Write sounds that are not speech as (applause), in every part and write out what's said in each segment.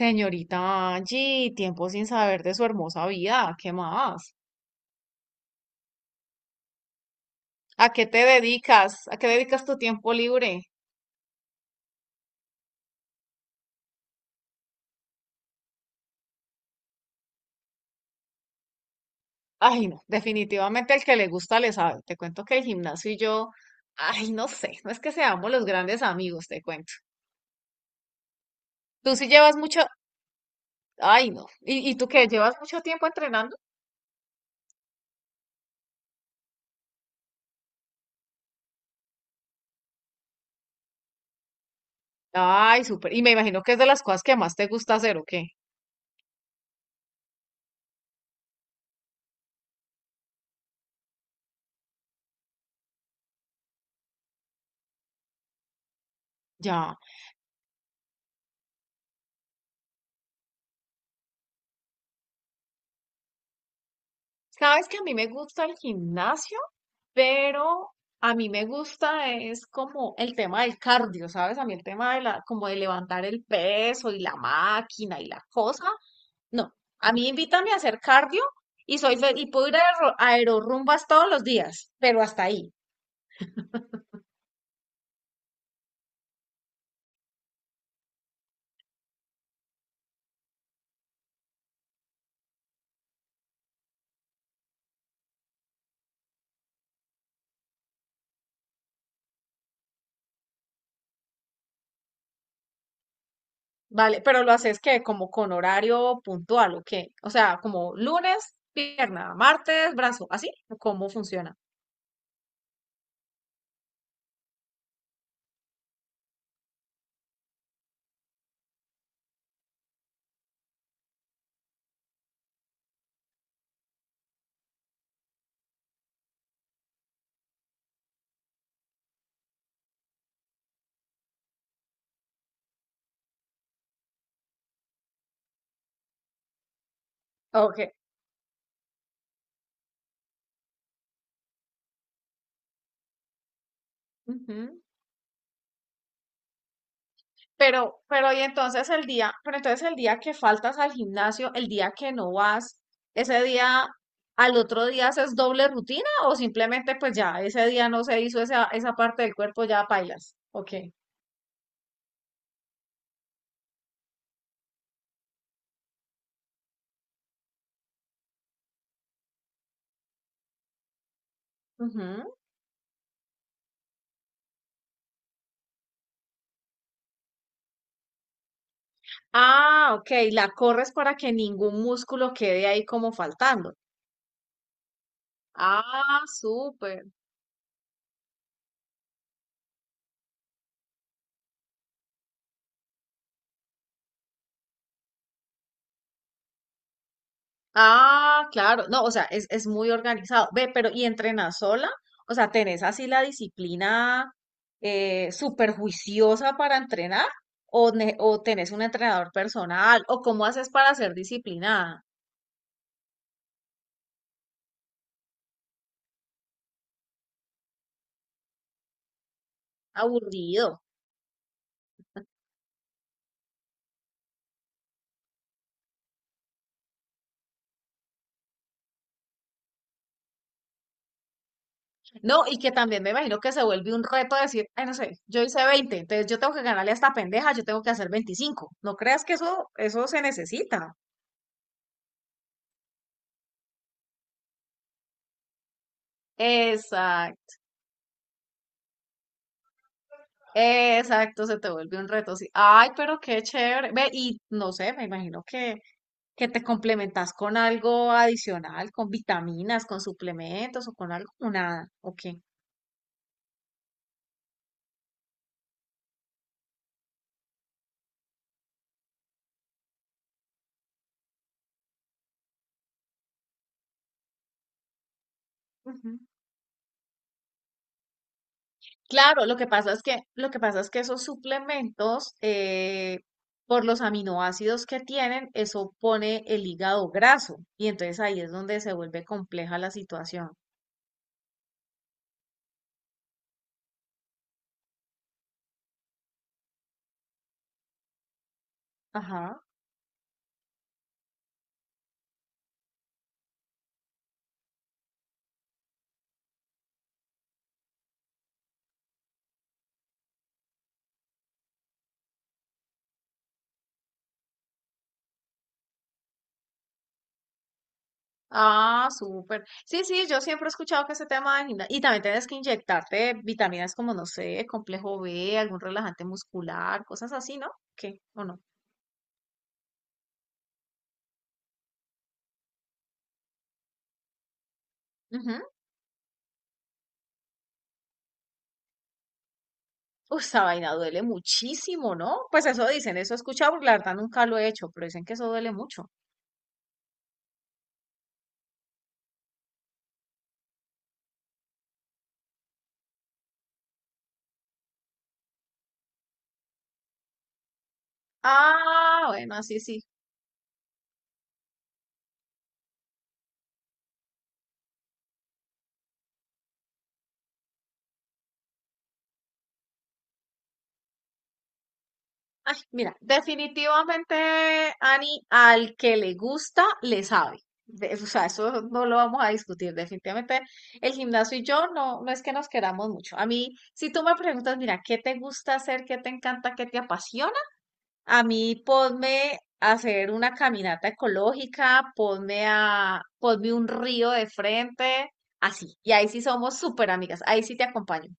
Señorita Angie, tiempo sin saber de su hermosa vida, ¿qué más? ¿A qué te dedicas? ¿A qué dedicas tu tiempo libre? Ay, no, definitivamente el que le gusta le sabe. Te cuento que el gimnasio y yo, ay, no sé, no es que seamos los grandes amigos, te cuento. Tú sí llevas mucho, ay, no. ¿Y tú qué? ¿Llevas mucho tiempo entrenando? Ay, súper. Y me imagino que es de las cosas que más te gusta hacer, ¿o qué? Ya. Sabes que a mí me gusta el gimnasio, pero a mí me gusta es como el tema del cardio, ¿sabes? A mí el tema como de levantar el peso y la máquina y la cosa. No, a mí invítame a hacer cardio y y puedo ir a aerorrumbas todos los días, pero hasta ahí. Vale, pero lo haces que como con horario puntual ¿o qué? O sea, como lunes, pierna, martes, brazo, así, ¿cómo funciona? Ok. Pero pero entonces el día que faltas al gimnasio, el día que no vas, ese día, al otro día haces doble rutina o simplemente pues ya ese día no se hizo esa parte del cuerpo, ya pailas. Ok. Ujú. Ah, ok, la corres para que ningún músculo quede ahí como faltando. Ah, súper. Ah, claro. No, o sea, es muy organizado. Ve, pero ¿y entrenas sola? O sea, ¿tenés así la disciplina súper juiciosa para entrenar? ¿O, o tenés un entrenador personal? ¿O cómo haces para ser disciplinada? Aburrido. No, y que también me imagino que se vuelve un reto decir, ay, no sé, yo hice 20, entonces yo tengo que ganarle a esta pendeja, yo tengo que hacer 25. No creas que eso se necesita. Exacto. Exacto, se te vuelve un reto. Sí. Ay, pero qué chévere. Ve, y no sé, me imagino que, te complementas con algo adicional, con vitaminas, con suplementos o con algo, o nada, ¿o qué? Ujú. Claro, lo que pasa es que, lo que pasa es que esos suplementos, por los aminoácidos que tienen, eso pone el hígado graso. Y entonces ahí es donde se vuelve compleja la situación. Ajá. Ah, súper. Sí, sí, yo siempre he escuchado que ese tema del gimnasio. Y también tienes que inyectarte vitaminas como, no sé, complejo B, algún relajante muscular, cosas así, ¿no? ¿Qué? ¿O no? Ujú. Uy, esa vaina duele muchísimo, ¿no? Pues eso dicen, eso he escuchado, porque la verdad nunca lo he hecho, pero dicen que eso duele mucho. Ah, bueno, así sí. Ay, mira, definitivamente, Ani, al que le gusta, le sabe. De- o sea, eso no lo vamos a discutir. Definitivamente, el gimnasio y yo no, no es que nos queramos mucho. A mí, si tú me preguntas, mira, ¿qué te gusta hacer? ¿Qué te encanta? ¿Qué te apasiona? A mí, ponme a hacer una caminata ecológica, ponme ponme un río de frente, así. Y ahí sí somos súper amigas. Ahí sí te acompaño.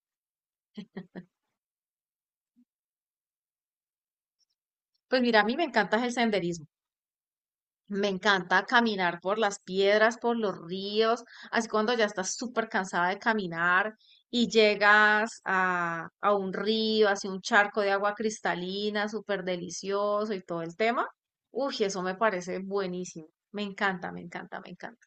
Pues mira, a mí me encanta es el senderismo. Me encanta caminar por las piedras, por los ríos, así cuando ya estás súper cansada de caminar y llegas a un río, hacia un charco de agua cristalina, súper delicioso y todo el tema. Uy, eso me parece buenísimo. Me encanta, me encanta, me encanta.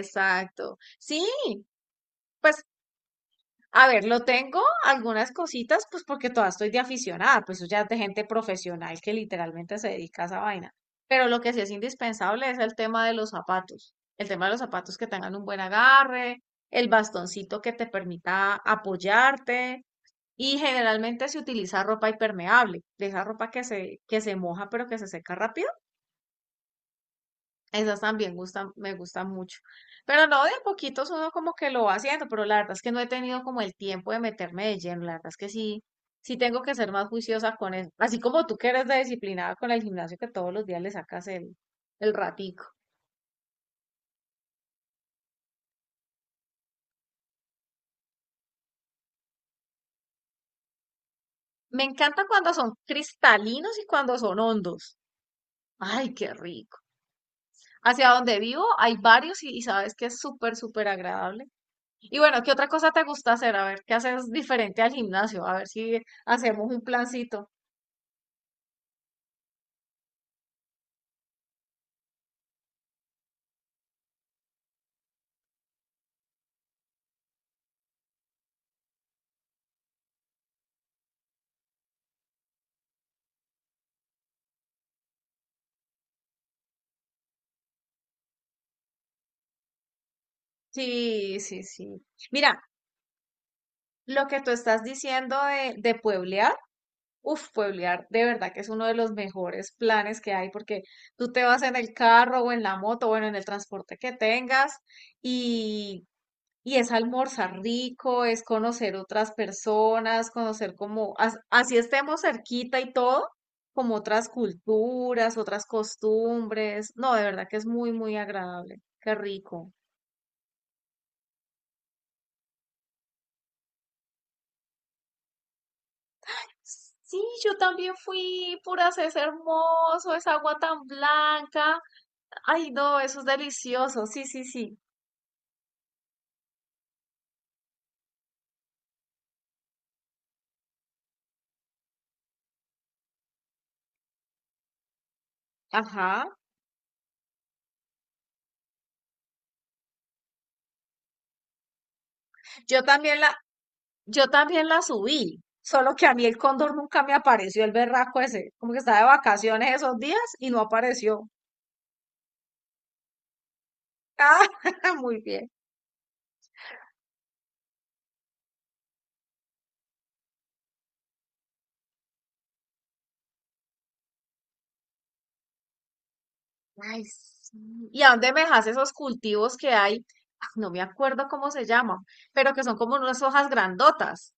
Exacto. Sí, pues a ver, lo tengo algunas cositas, pues porque todavía estoy de aficionada, pues eso ya es de gente profesional que literalmente se dedica a esa vaina. Pero lo que sí es indispensable es el tema de los zapatos. El tema de los zapatos que tengan un buen agarre, el bastoncito que te permita apoyarte y generalmente se utiliza ropa impermeable, de esa ropa que se moja pero que se seca rápido. Esas también gustan, me gustan mucho. Pero no, de a poquitos uno como que lo va haciendo, pero la verdad es que no he tenido como el tiempo de meterme de lleno. La verdad es que sí, sí tengo que ser más juiciosa con eso. Así como tú que eres de disciplinada con el gimnasio que todos los días le sacas el ratico. Me encanta cuando son cristalinos y cuando son hondos. Ay, qué rico. Hacia donde vivo hay varios y sabes que es súper, súper agradable. Y bueno, ¿qué otra cosa te gusta hacer? A ver, ¿qué haces diferente al gimnasio? A ver si hacemos un plancito. Sí, sí, sí. Mira, lo que tú estás diciendo de pueblear, uff, pueblear, de verdad que es uno de los mejores planes que hay porque tú te vas en el carro o en la moto, bueno, en el transporte que tengas y, y es almorzar rico, es conocer otras personas, conocer como, así estemos cerquita y todo, como otras culturas, otras costumbres. No, de verdad que es muy, muy agradable. Qué rico. Sí, yo también fui, puras, es hermoso, es agua tan blanca. Ay, no, eso es delicioso. Sí, sí, sí. Ajá. Yo también la, yo también la subí, solo que a mí el cóndor nunca me apareció, el berraco ese, como que estaba de vacaciones esos días y no apareció. (laughs) Ah, muy bien. Ay, sí. ¿Y a dónde me dejas esos cultivos que hay? Ah, no me acuerdo cómo se llaman, pero que son como unas hojas grandotas.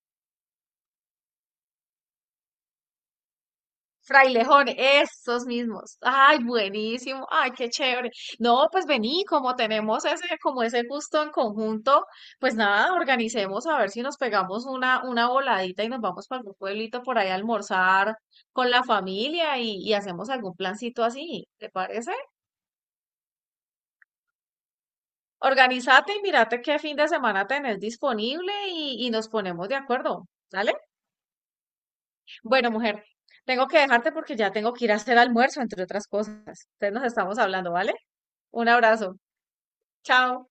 Frailejón, estos mismos. Ay, buenísimo. Ay, qué chévere. No, pues vení, como tenemos ese, como ese gusto en conjunto, pues nada, organicemos a ver si nos pegamos una voladita y nos vamos para algún pueblito por ahí a almorzar con la familia y hacemos algún plancito así, ¿te parece? Organízate y mírate qué fin de semana tenés disponible y nos ponemos de acuerdo, ¿vale? Bueno, mujer, tengo que dejarte porque ya tengo que ir a hacer almuerzo, entre otras cosas. Entonces nos estamos hablando, ¿vale? Un abrazo. Chao.